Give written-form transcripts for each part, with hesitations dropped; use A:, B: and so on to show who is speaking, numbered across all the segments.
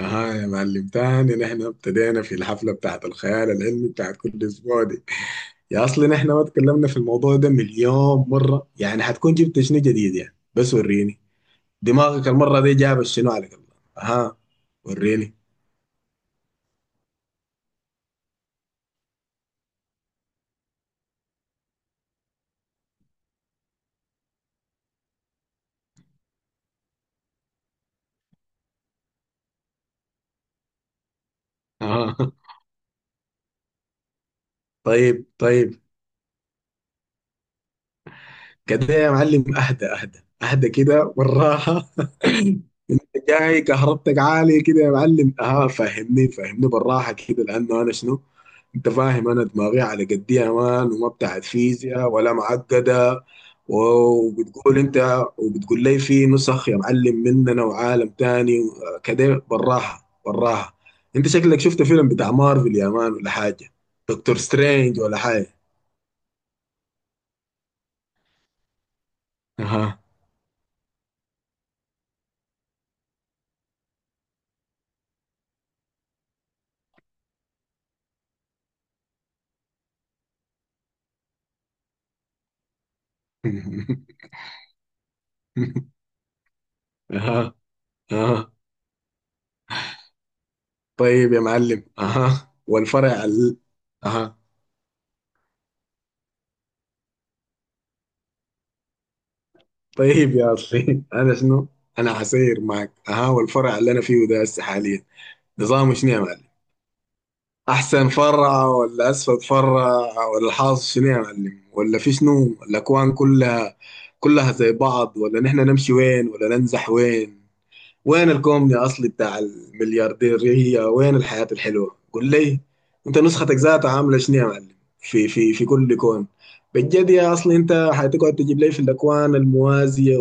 A: اه يا معلم تاني، نحن ابتدينا في الحفلة بتاعت الخيال العلمي بتاعت كل اسبوع دي. يا اصلي، نحن ما اتكلمنا في الموضوع ده مليون مرة يعني، حتكون جبت شنو جديد يعني؟ بس وريني، دماغك المرة دي جاب شنو، عليك الله؟ اها، وريني. اها. طيب طيب، كده يا معلم اهدى اهدى اهدى كده والراحة. جاي كهربتك عالية كده يا معلم. اه فهمني فهمني بالراحة كده، لأنه أنا شنو. أنت فاهم أنا دماغي على قدي يا مان، وما بتاعت فيزياء ولا معقدة. وبتقول أنت، وبتقول لي في نسخ يا معلم مننا وعالم تاني. آه، كده بالراحة بالراحة. أنت شكلك شفت فيلم بتاع مارفل يا مان ولا حاجة؟ دكتور سترينج ولا حاجة؟ أها. أها. أها. طيب يا معلم، أها، والفرع أها، طيب يا اصلي انا شنو. انا حسير معك. ها، والفرع اللي انا فيه ده هسه حاليا نظامه شنو يا معلم؟ احسن فرع ولا اسفل فرع ولا الحاصل شنو يا معلم، ولا في شنو؟ الاكوان كلها، كلها زي بعض، ولا نحن نمشي وين، ولا ننزح وين؟ وين الكومن يا اصلي بتاع المليارديرية؟ وين الحياة الحلوة؟ قول لي. انت نسختك ذاتها عاملة شنو يا معلم في كل كون؟ بجد يا اصلي، انت حتقعد تجيب لي في الاكوان الموازية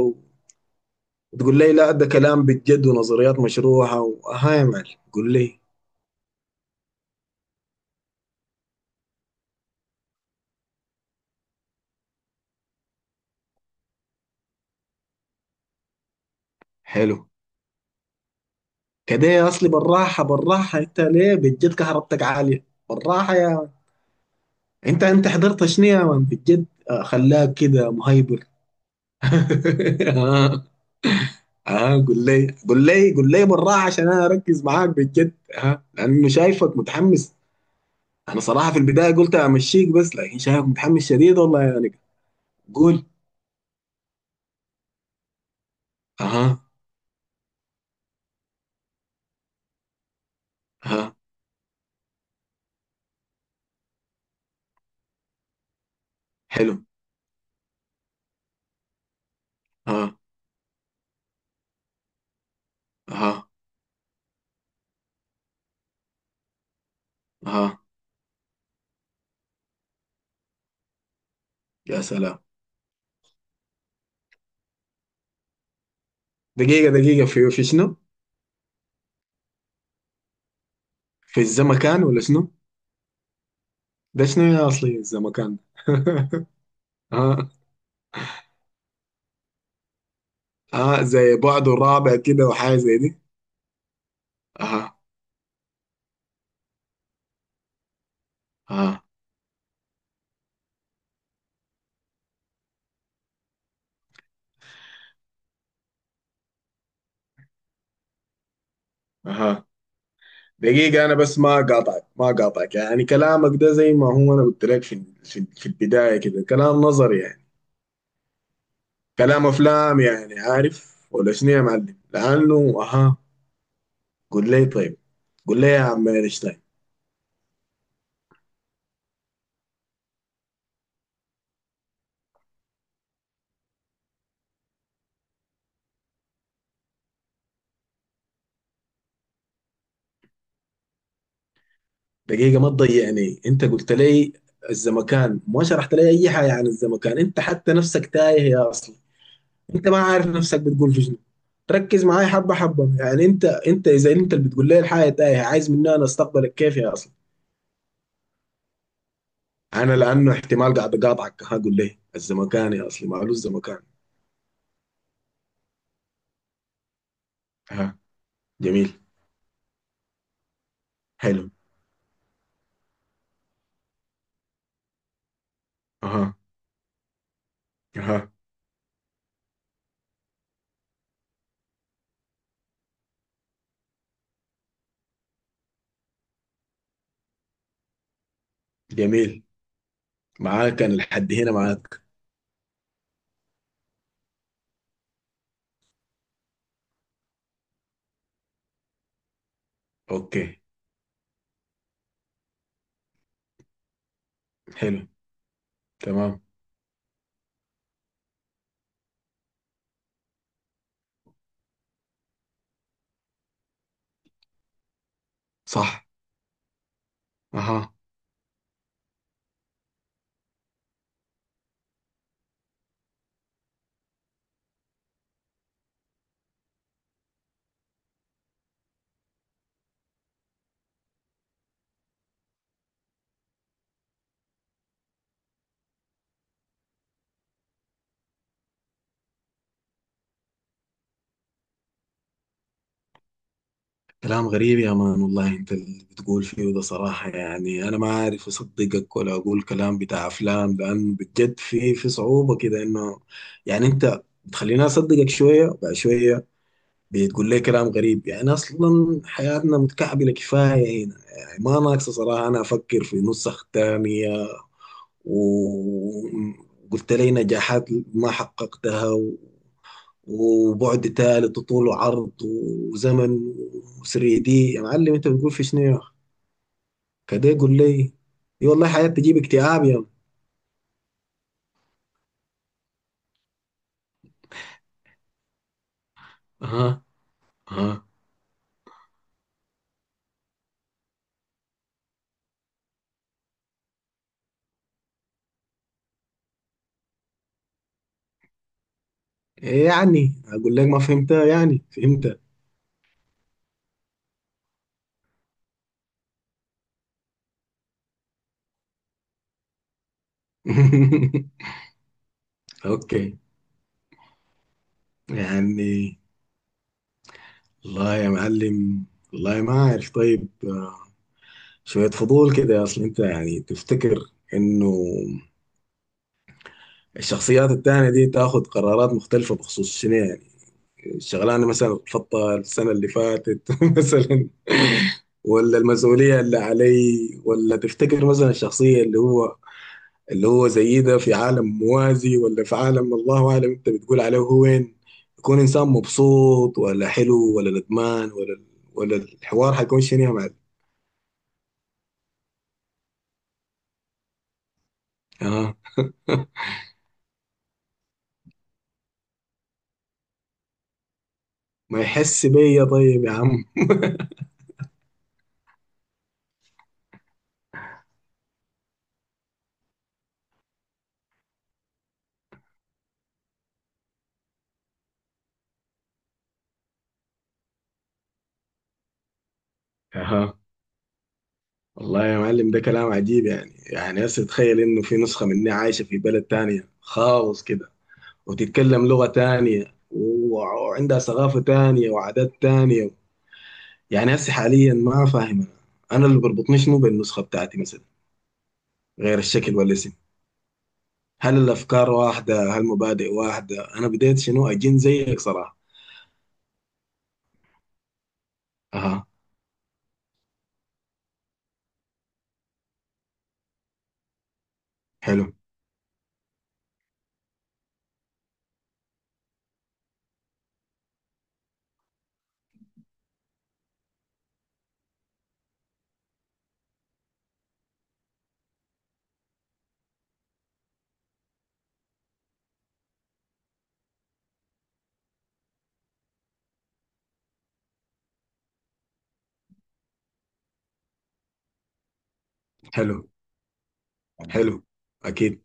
A: تقول لي لا ده كلام بجد ونظريات مشروحة وها يا معلم؟ قول لي. حلو. كده يا اصلي بالراحة بالراحة. انت ليه بجد كهربتك عالية؟ بالراحة يا مان. انت حضرت شنو يا مان بجد؟ آه، خلاك كده مهيبر. اه. اه قول لي قول لي قول لي بالراحة، عشان انا اركز معاك بجد. ها، لانه شايفك متحمس. انا صراحة في البداية قلت امشيك بس، لكن شايفك متحمس شديد والله يعني. قول. اها. اها حلو. اها. اها. اها. يا سلام. دقيقة دقيقة، في شنو؟ في الزمكان ولا شنو؟ ده شنو يا أصلي الزمكان؟ اه. اه زي بعد الرابع كده وحاجة زي دي. اها. اها. اها. دقيقة، أنا بس ما قاطعك ما قاطعك يعني كلامك ده زي ما هو، أنا قلت لك في البداية كده كلام نظري يعني. كلام أفلام يعني، عارف ولا شنو يا معلم؟ لأنه اها. قول لي طيب. قول لي يا عم أينشتاين. دقيقة، ما تضيعني. انت قلت لي الزمكان، ما شرحت لي اي حاجة عن الزمكان، انت حتى نفسك تايه يا اصلا. انت ما عارف نفسك بتقول في شنو. ركز معاي حبة حبة يعني. انت اذا انت اللي بتقول لي الحاجة تايه، عايز مني انا استقبلك كيف يا اصلا؟ انا لانه احتمال قاعد اقاطعك، هقول لي الزمكان يا اصلي، معلوش الزمكان. ها، جميل. حلو. اها. اها. جميل. معاك انا لحد هنا معاك. اوكي. حلو. تمام. صح. اها. كلام غريب يا مان والله، انت اللي بتقول فيه ده صراحة يعني، انا ما عارف اصدقك ولا اقول كلام بتاع افلام، لانه بجد في صعوبة كده انه. يعني انت بتخليني اصدقك شوية بعد شوية. بتقول لي كلام غريب يعني، اصلا حياتنا متكعبلة كفاية هنا يعني، ما ناقصة صراحة انا افكر في نسخ تانية. وقلت لي نجاحات ما حققتها، وبعد ثالث وطول وعرض وزمن و3 دي، يا معلم انت بتقول في شنو يا اخي؟ كده يقول لي. اي والله حياة تجيب اكتئاب يا م. اها. اها ايه يعني؟ اقول لك ما فهمتها، يعني فهمتها. اوكي. يعني والله يا معلم، والله ما عارف طيب. شوية فضول كده، اصل انت يعني تفتكر انه الشخصيات التانية دي تاخد قرارات مختلفة بخصوص شنو يعني؟ الشغلانه مثلا اترفضتها السنه اللي فاتت مثلا؟ ولا المسؤوليه اللي علي؟ ولا تفتكر مثلا الشخصيه اللي هو، اللي هو زي ده، في عالم موازي ولا في عالم الله اعلم انت بتقول عليه هو وين، يكون انسان مبسوط ولا حلو ولا ندمان، ولا ولا الحوار حيكون شنو يا معلم؟ اه، ما يحس بيا طيب يا عم. اها. والله يا معلم ده كلام عجيب يعني. يعني هسه تخيل انه في نسخة مني عايشة في بلد تانية خالص كده، وتتكلم لغة تانية وعندها ثقافة تانية وعادات تانية. يعني هسه حاليا ما فاهم، أنا اللي بربطني شنو بالنسخة بتاعتي مثلا، غير الشكل والاسم؟ هل الافكار واحدة؟ هل المبادئ واحدة؟ انا بديت شنو، اجن زيك صراحة. اها. حلو. حلو. حلو. اكيد.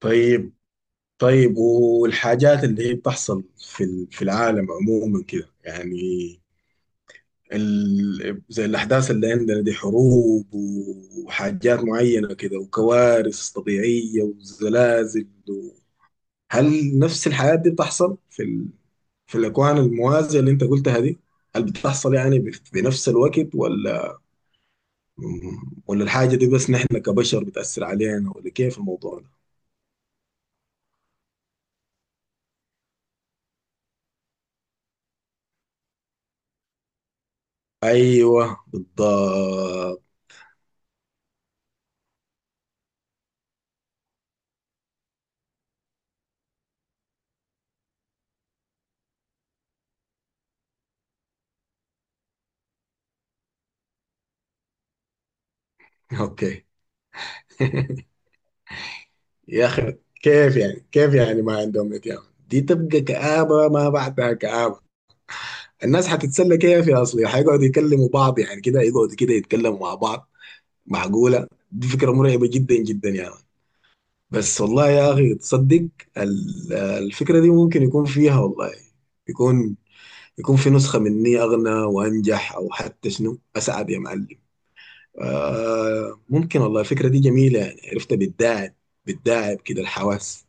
A: طيب. طيب، والحاجات اللي هي بتحصل في في العالم عموما كده يعني، زي الأحداث اللي عندنا دي، حروب وحاجات معينة كده وكوارث طبيعية وزلازل هل نفس الحاجات دي بتحصل في في الأكوان الموازية اللي أنت قلتها دي؟ هل بتحصل يعني بنفس الوقت، ولا ولا الحاجة دي بس نحن كبشر بتأثر علينا، ولا كيف الموضوع ده؟ أيوه بالضبط. أوكي. يا أخي، كيف يعني؟ كيف يعني ما عندهم إتيان؟ دي تبقى كآبة ما بعدها كآبة. الناس هتتسلى كيف يا اصلي؟ هيقعدوا يكلموا بعض يعني كده، يقعدوا كده يتكلموا مع بعض؟ معقولة؟ دي فكرة مرعبة جدا جدا يعني. بس والله يا اخي، تصدق الفكرة دي ممكن يكون فيها والله، يكون يكون في نسخة مني اغنى وانجح او حتى شنو اسعد يا معلم؟ آه ممكن والله. الفكرة دي جميلة يعني، عرفتها بتداعب بتداعب كده الحواس.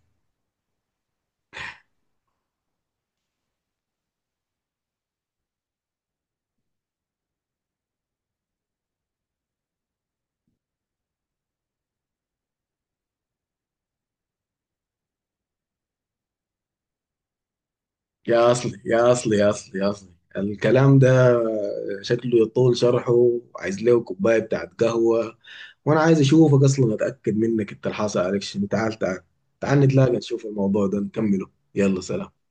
A: يا أصلي يا أصلي يا أصلي يا أصلي، الكلام ده شكله يطول شرحه. عايز له كوباية بتاعت قهوة، وأنا عايز أشوفك أصلا أتأكد منك. أنت الحاصل عليك شنو؟ تعال تعال. تعال نتلاقى نشوف الموضوع ده نكمله. يلا سلام.